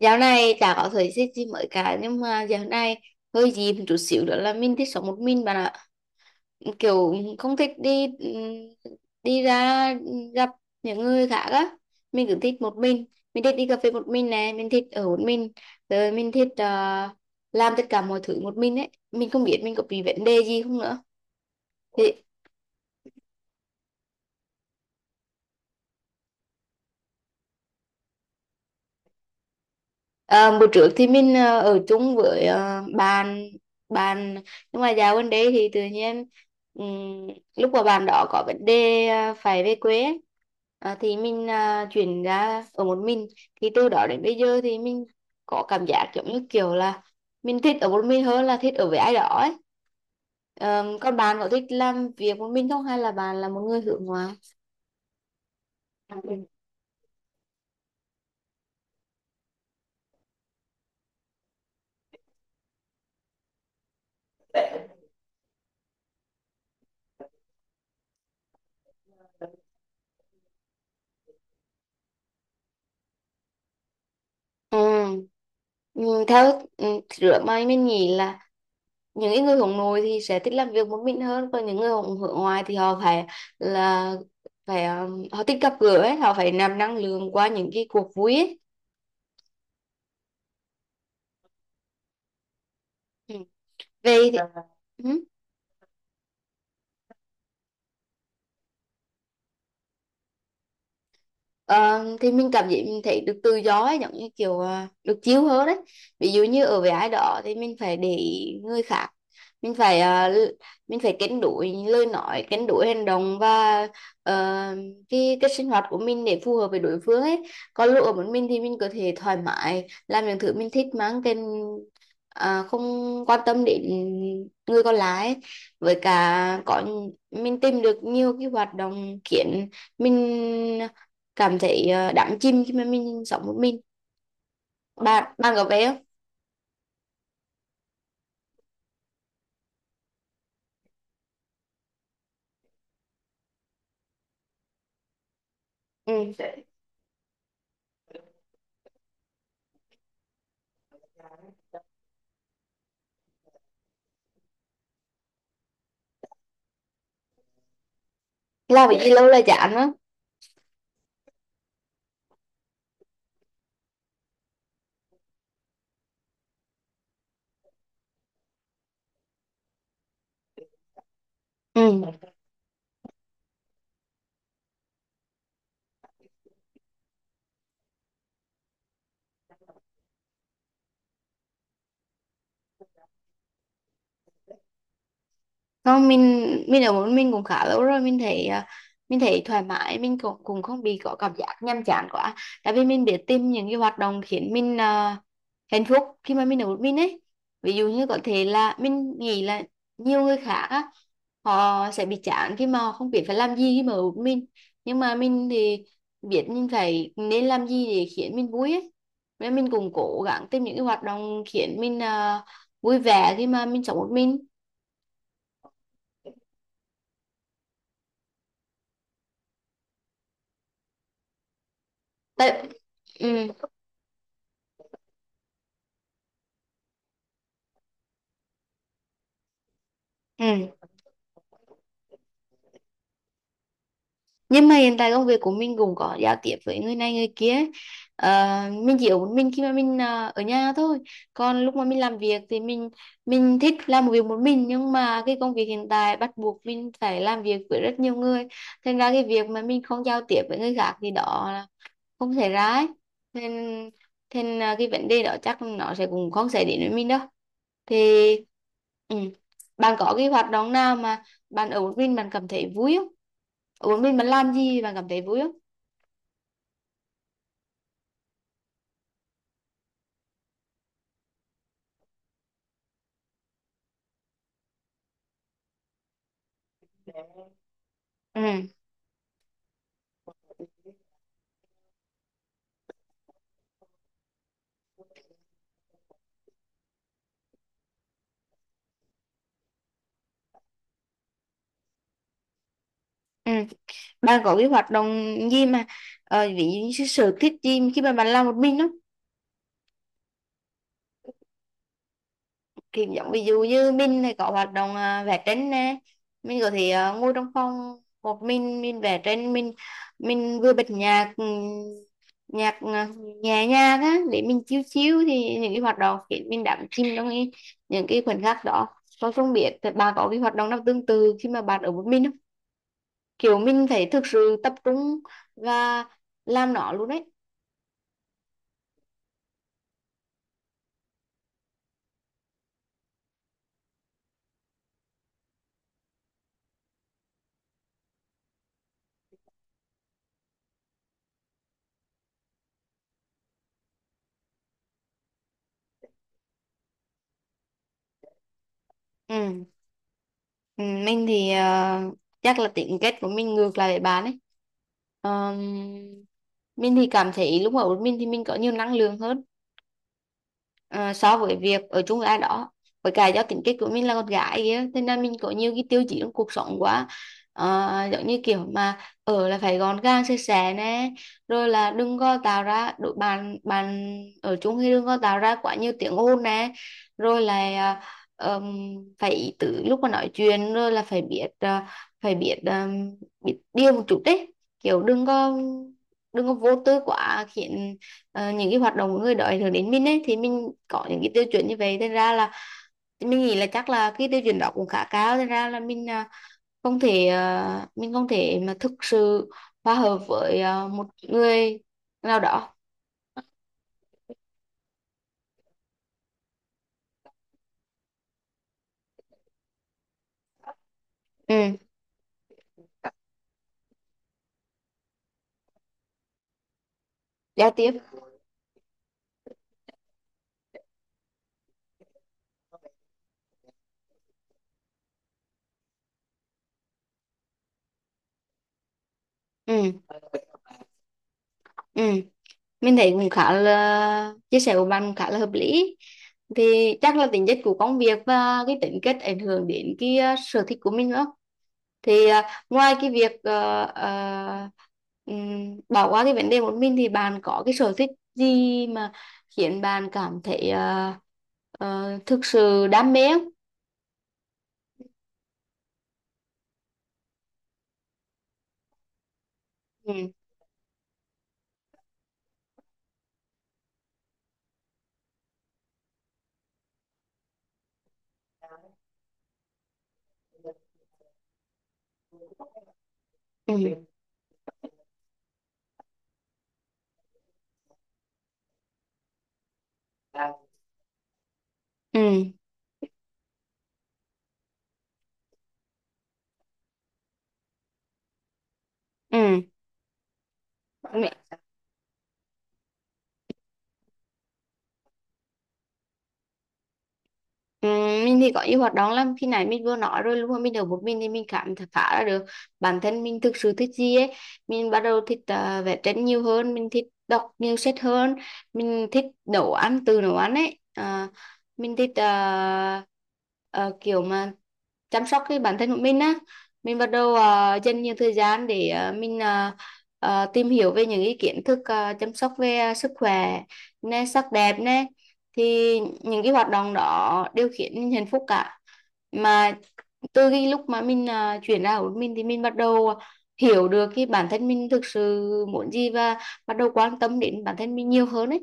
Dạo này chả có thời gian gì mới cả, nhưng mà dạo này hơi gì một chút xíu nữa là mình thích sống một mình bạn ạ, kiểu không thích đi đi ra gặp những người khác á, mình cứ thích một mình. Mình thích đi cà phê một mình này, mình thích ở một mình, rồi mình thích làm tất cả mọi thứ một mình ấy. Mình không biết mình có bị vấn đề gì không nữa. Ờ, bữa trước thì mình ở chung với bạn bạn, nhưng mà dạo gần đây thì tự nhiên, ừm, lúc mà bạn đó có vấn đề, phải về quê ấy, thì mình chuyển ra ở một mình. Thì từ đó đến bây giờ thì mình có cảm giác giống như kiểu là mình thích ở một mình hơn là thích ở với ai đó ấy. Ờ, còn bạn có thích làm việc một mình không, hay là bạn là một người hướng ngoại? Ừ. Ừ, theo rửa mày mình nghĩ là những cái người hướng nội thì sẽ thích làm việc một mình hơn, còn những người hướng hướng ngoại thì họ phải là phải họ thích gặp gỡ ấy, họ phải nạp năng lượng qua những cái cuộc vui ấy. Ừ. Vậy thì, ừ. Ờ, thì mình cảm giác mình thấy được tự do ấy, giống như kiểu được chill hơn đấy. Ví dụ như ở với ai đó thì mình phải để ý người khác, mình phải à, l- mình phải cân đối lời nói, cân đối hành động và ờ, cái sinh hoạt của mình để phù hợp với đối phương ấy. Còn lúc ở một mình thì mình có thể thoải mái làm những thứ mình thích mang tên, không quan tâm đến người còn lại ấy. Với cả có mình tìm được nhiều cái hoạt động khiến mình cảm thấy đắm chìm khi mà mình sống một mình. Bạn bạn có về không? Ừ. Làm cái gì lâu là chán á. Ừ. Không, mình ở một mình cũng khá lâu rồi, mình thấy mình thấy thoải mái, mình cũng cũng không bị có cảm giác nhàm chán quá, tại vì mình biết tìm những cái hoạt động khiến mình hạnh phúc khi mà mình ở một mình ấy. Ví dụ như có thể là mình nghĩ là nhiều người khác á, họ sẽ bị chán khi mà họ không biết phải làm gì khi mà ở một mình. Nhưng mà mình thì biết mình phải nên làm gì để khiến mình vui ấy, nên mình cũng cố gắng tìm những cái hoạt động khiến mình vui vẻ khi mà mình sống một mình tại. Ừ. Ừ. Nhưng mà hiện tại công việc của mình cũng có giao tiếp với người này người kia ấy. Ờ, mình chỉ ở một mình khi mà mình ở nhà thôi. Còn lúc mà mình làm việc thì mình thích làm một việc một mình, nhưng mà cái công việc hiện tại bắt buộc mình phải làm việc với rất nhiều người. Thành ra cái việc mà mình không giao tiếp với người khác thì đó không xảy ra ấy, nên nên à, cái vấn đề đó chắc nó sẽ cũng không xảy đến với mình đâu thì. Ừ. Bạn có cái hoạt động nào mà bạn ở một mình bạn cảm thấy vui không? Ở một mình bạn làm gì bạn cảm thấy vui không? Ừ. Ừ. Bạn có cái hoạt động gì mà ví dụ như cái sở thích gì khi mà bạn làm một mình đó? Thì giống ví dụ như mình thì có hoạt động vẽ tranh nè. Mình có thể ngồi trong phòng một mình vẽ tranh, mình vừa bật nhạc, nhạc nhẹ nhàng á để mình chill chill, thì những cái hoạt động khiến mình đắm chìm trong cái, những cái khoảnh khắc đó. Tôi không biết thì bà có cái hoạt động nào tương tự khi mà bạn ở một mình không? Kiểu mình phải thực sự tập trung và làm nó luôn đấy. Ừ. Ừ, mình thì chắc là tính kết của mình ngược lại để bán ấy. Ờm, mình thì cảm thấy lúc ở một mình thì mình có nhiều năng lượng hơn ờ, so với việc ở chung với ai đó. Với cả do tính cách của mình là con gái kia, thế nên mình có nhiều cái tiêu chí trong cuộc sống quá. Ờ, giống như kiểu mà ở là phải gọn gàng sạch sẽ nè, rồi là đừng có tạo ra đội bàn bàn ở chung, thì đừng có tạo ra quá nhiều tiếng ồn nè, rồi là phải ý tứ lúc mà nói chuyện, rồi là phải biết ờ, phải biết biết điều một chút đấy, kiểu đừng có vô tư quá khiến những cái hoạt động của người đó ảnh hưởng đến mình ấy. Thì mình có những cái tiêu chuẩn như vậy, thành ra là mình nghĩ là chắc là cái tiêu chuẩn đó cũng khá cao, thành ra là mình không thể mà thực sự hòa hợp với một người nào đó. Ừ. Giao tiếp. Ừ. Ừ. Mình thấy cũng khá là chia sẻ của bạn cũng khá là hợp lý, thì chắc là tính chất của công việc và cái tính cách ảnh hưởng đến cái sở thích của mình nữa. Thì ngoài cái việc bỏ qua cái vấn đề một mình thì bạn có cái sở thích gì mà khiến bạn cảm thấy thực sự đam mê không? Ừ. Ừ. Ừ. Ừ. Ừ, mình thì có nhiều hoạt động lắm. Khi nãy mình vừa nói rồi, lúc mà mình ở một mình thì mình cảm thấy phá ra được bản thân mình thực sự thích gì ấy. Mình bắt đầu thích vẽ tranh nhiều hơn, mình thích đọc nhiều sách hơn, mình thích nấu ăn từ nấu ăn ấy. Ờ, mình thích ờ, kiểu mà chăm sóc cái bản thân của mình á. Mình bắt đầu dành nhiều thời gian để mình tìm hiểu về những cái kiến thức chăm sóc về sức khỏe nè sắc đẹp nè. Thì những cái hoạt động đó đều khiến mình hạnh phúc cả, mà từ cái lúc mà mình chuyển ra của mình thì mình bắt đầu hiểu được cái bản thân mình thực sự muốn gì và bắt đầu quan tâm đến bản thân mình nhiều hơn ấy.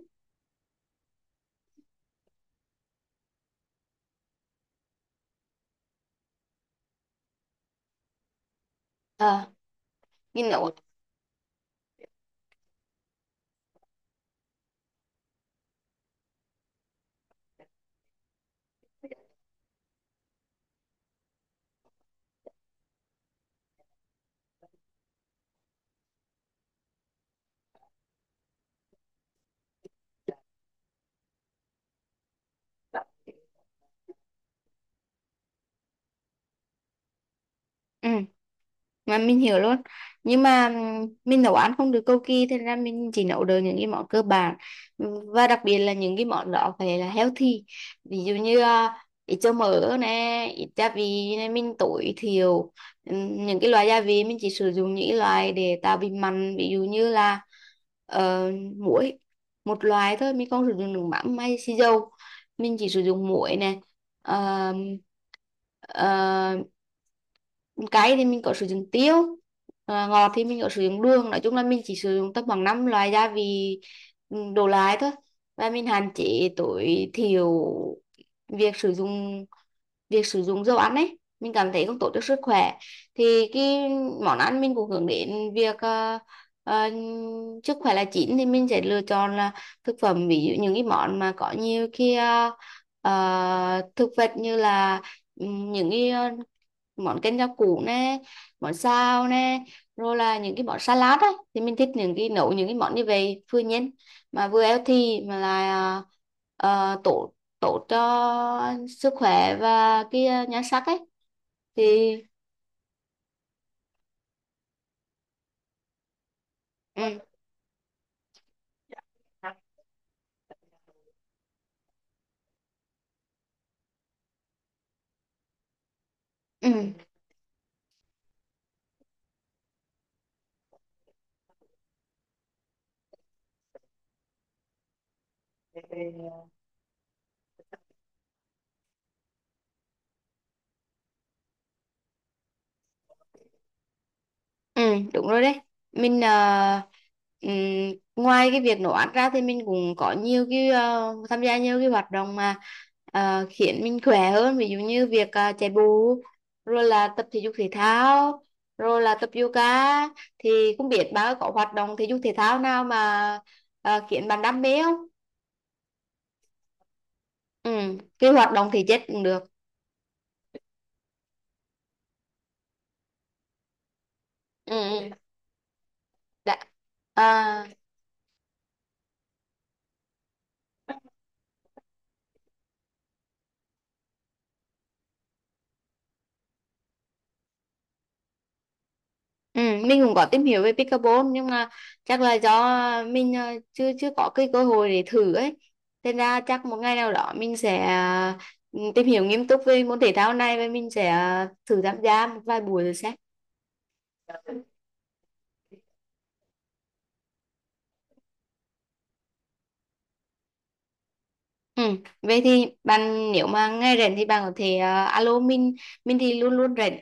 À, mình nấu. Ừ. Mà mình hiểu luôn. Nhưng mà mình nấu ăn không được cầu kỳ, thế ra mình chỉ nấu được những cái món cơ bản, và đặc biệt là những cái món đó phải là healthy. Ví dụ như ít cho mỡ nè, ít gia vị nè, mình tối thiểu. Những cái loại gia vị mình chỉ sử dụng những cái loại để tạo vị mặn, ví dụ như là ờ, muối. Một loại thôi, mình không sử dụng nước mắm hay xì dầu, mình chỉ sử dụng muối nè. Ờ, cay thì mình có sử dụng tiêu. Ờ, ngọt thì mình có sử dụng đường. Nói chung là mình chỉ sử dụng tầm khoảng 5 loại gia vị ừ, đổ lại thôi. Và mình hạn chế tối thiểu việc sử dụng việc sử dụng dầu ăn ấy, mình cảm thấy không tốt cho sức khỏe. Thì cái món ăn mình cũng hướng đến việc ờ, sức khỏe là chính, thì mình sẽ lựa chọn là thực phẩm, ví dụ những cái món mà có nhiều cái thực vật, như là ừ, những cái món canh rau củ nè, món xào nè, rồi là những cái món salad á. Thì mình thích những cái nấu những cái món như vậy, vừa nhanh mà vừa healthy mà là tốt tốt cho sức khỏe và cái nhan sắc ấy. Thì ừ. Ừ. Ừ, đúng rồi đấy. Mình ừm, ngoài cái việc nấu ăn ra thì mình cũng có nhiều cái tham gia nhiều cái hoạt động mà khiến mình khỏe hơn, ví dụ như việc chạy bộ, rồi là tập thể dục thể thao, rồi là tập yoga. Thì không biết bạn có hoạt động thể dục thể thao nào mà khiến bạn đam mê không? Ừ, cái hoạt động thể chất cũng được. Ừ, ừ, đã. Ừ, mình cũng có tìm hiểu về pickleball, nhưng mà chắc là do mình chưa chưa có cái cơ hội để thử ấy. Thế ra chắc một ngày nào đó mình sẽ tìm hiểu nghiêm túc về môn thể thao này, và mình sẽ thử tham gia một vài buổi rồi sẽ. Ừ, vậy thì bạn nếu mà ngày rảnh thì bạn có thể alo mình thì luôn luôn rảnh.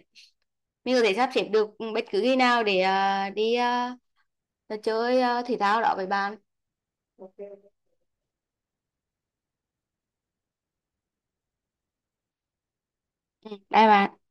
Mình có thể sắp xếp được bất cứ khi nào để đi chơi thể thao đó với bạn. Ừ, bye bạn.